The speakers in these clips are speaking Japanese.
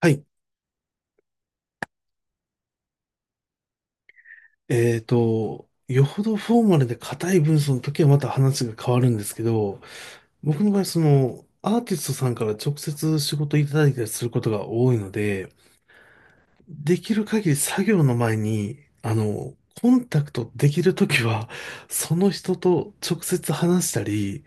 はい。よほどフォーマルで硬い文章の時はまた話が変わるんですけど、僕の場合、アーティストさんから直接仕事いただいたりすることが多いので、できる限り作業の前に、コンタクトできる時は、その人と直接話したり、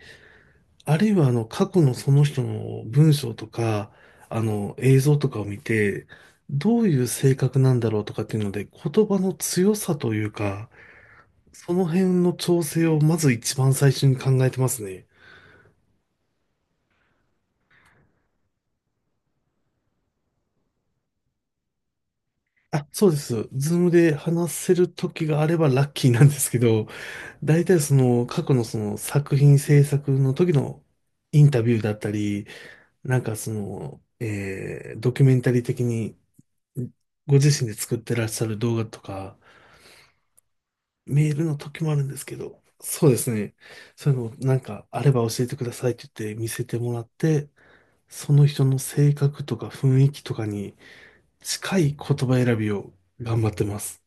あるいは過去のその人の文章とか、映像とかを見て、どういう性格なんだろうとかっていうので、言葉の強さというか、その辺の調整をまず一番最初に考えてますね。あ、そうです。ズームで話せる時があればラッキーなんですけど、大体その過去のその作品制作の時のインタビューだったり、なんかその、ドキュメンタリー的にご自身で作ってらっしゃる動画とか、メールの時もあるんですけど、そうですね。そういうのをなんかあれば教えてくださいって言って見せてもらって、その人の性格とか雰囲気とかに近い言葉選びを頑張ってます。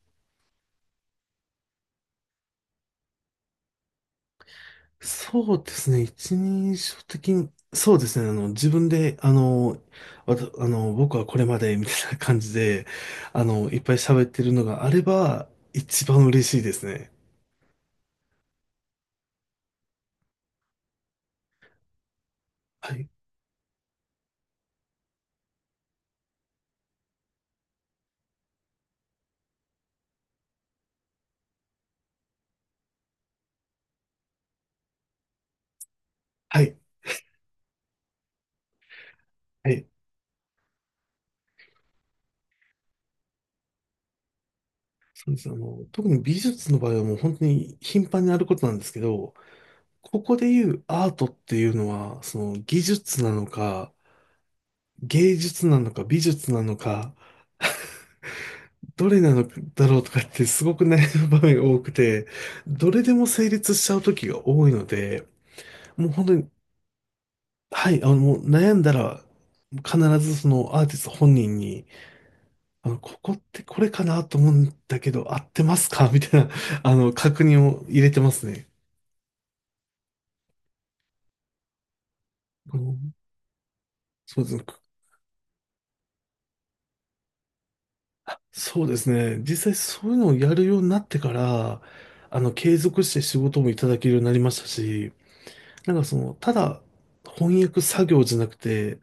そうですね。一人称的に、そうですね。自分で、あの、わた、あの、僕はこれまで、みたいな感じで、いっぱい喋ってるのがあれば、一番嬉しいですね。はい。はい。はい。そうです。特に美術の場合はもう本当に頻繁にあることなんですけど、ここで言うアートっていうのは、その技術なのか、芸術なのか、美術なのか、どれなのだろうとかってすごく悩む 場面が多くて、どれでも成立しちゃう時が多いので、もう本当に、はい、もう悩んだら、必ずそのアーティスト本人に、ここってこれかなと思うんだけど、合ってますか みたいな、確認を入れてますね。うん。そうですね。そうですね。実際そういうのをやるようになってから、継続して仕事もいただけるようになりましたし、なんかただ翻訳作業じゃなくて、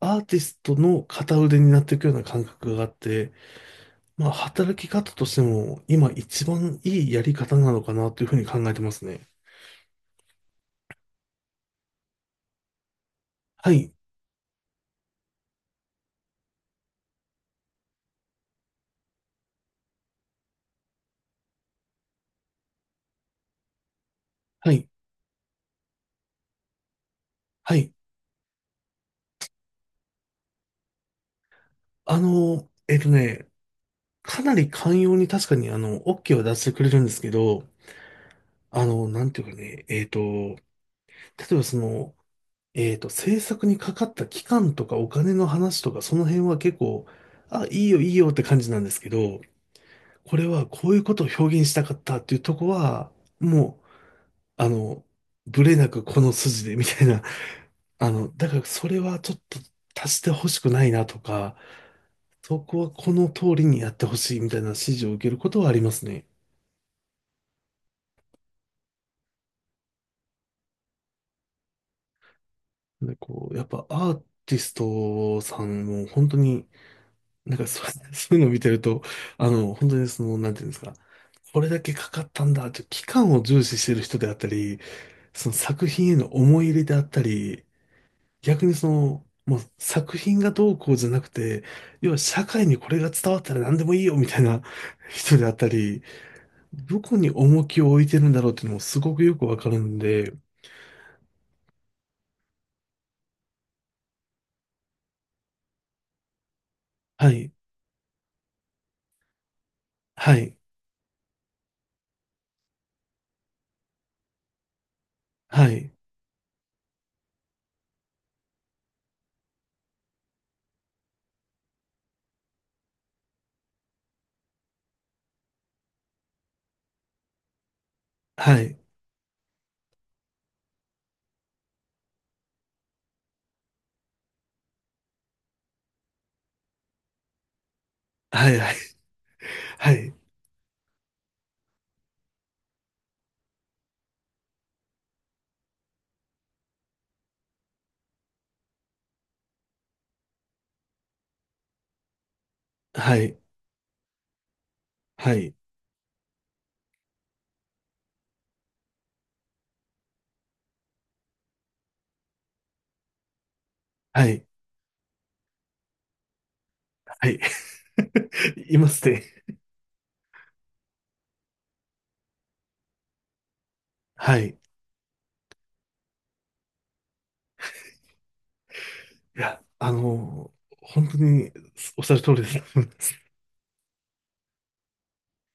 アーティストの片腕になっていくような感覚があって、まあ、働き方としても今一番いいやり方なのかなというふうに考えてますね。はい、はい、はい。あの、えっとね、かなり寛容に確かにOK は出してくれるんですけど、あの、なんていうかね、えっと、例えば制作にかかった期間とかお金の話とかその辺は結構、あ、いいよいいよって感じなんですけど、これはこういうことを表現したかったっていうとこは、もうあの、ブレなくこの筋でみたいな。だからそれはちょっと足してほしくないなとか、そこはこの通りにやってほしいみたいな指示を受けることはありますね。で、こう、やっぱアーティストさんも本当に、なんかそう、そういうのを見てると、本当になんていうんですか、これだけかかったんだって、期間を重視してる人であったり、その作品への思い入れであったり、逆にもう作品がどうこうじゃなくて、要は社会にこれが伝わったら何でもいいよみたいな 人であったり、どこに重きを置いてるんだろうっていうのもすごくよくわかるんで、はい、はい、はい、はい、はい、はい、はい、はい、はい、はい、はい、いますね。はい。いや、本当におっしゃる通りです。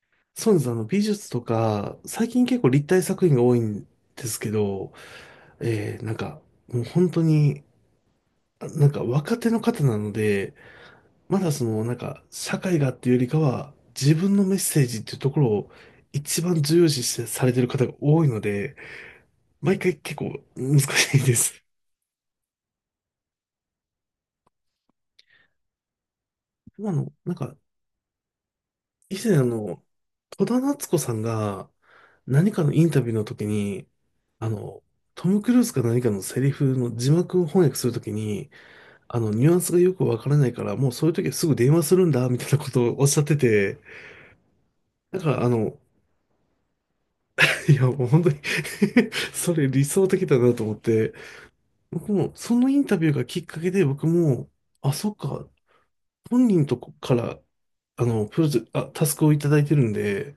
そうです。美術とか、最近結構立体作品が多いんですけど、なんか、もう本当に、あなんか若手の方なので、まだなんか、社会がっていうよりかは、自分のメッセージっていうところを一番重要視してされてる方が多いので、毎回結構難しいです。今の、なんか、以前戸田夏子さんが何かのインタビューの時に、あの、トム・クルーズか何かのセリフの字幕を翻訳するときに、ニュアンスがよくわからないから、もうそういう時はすぐ電話するんだ、みたいなことをおっしゃってて、だから、いや、もう本当に それ理想的だなと思って、僕も、そのインタビューがきっかけで、僕も、あ、そっか、本人とこから、あの、プロジェ、あ、タスクをいただいてるんで、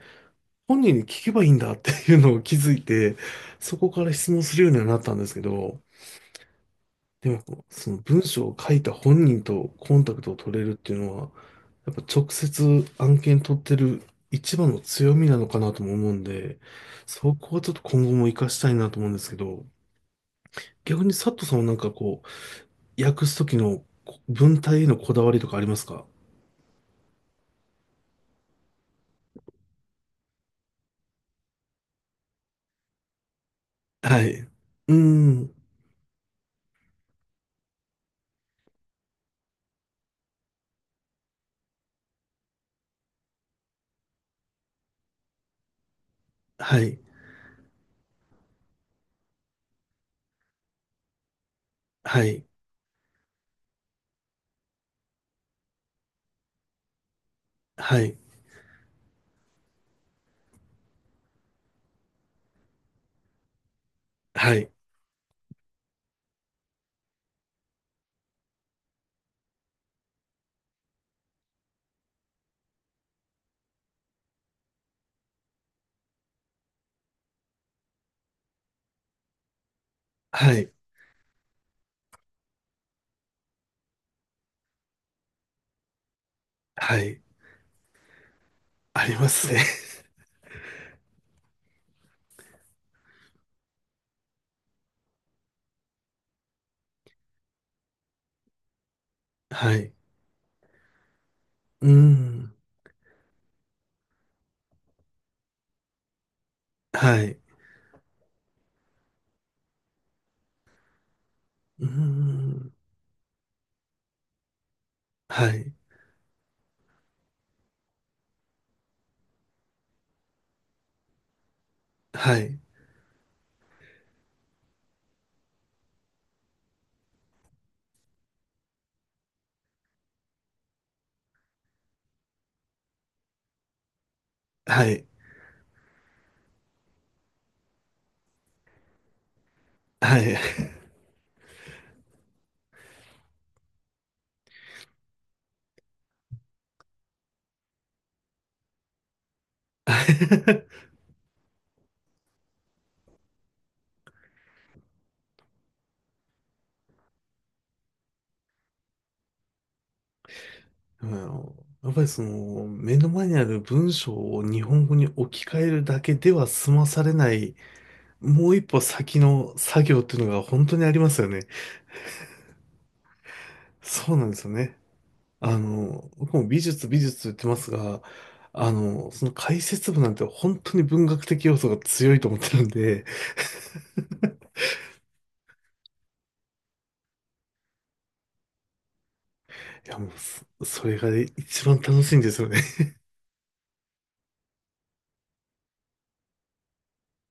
本人に聞けばいいんだ っていうのを気づいて、そこから質問するようにはなったんですけど、でも、その文章を書いた本人とコンタクトを取れるっていうのは、やっぱ直接案件取ってる一番の強みなのかなとも思うんで、そこはちょっと今後も活かしたいなと思うんですけど、逆に佐藤さんはなんかこう、訳すときの文体へのこだわりとかありますか？はい。うーん。はい。はい。はい。はい。はい。はい。ありますね。はい。うーん。はい。うーん。はい。はい。はい。はい。うん。やっぱり目の前にある文章を日本語に置き換えるだけでは済まされない、もう一歩先の作業っていうのが本当にありますよね。そうなんですよね。僕も美術美術と言ってますが、その解説部なんて本当に文学的要素が強いと思ってるんで、いやもうそれが一番楽しいんですよね。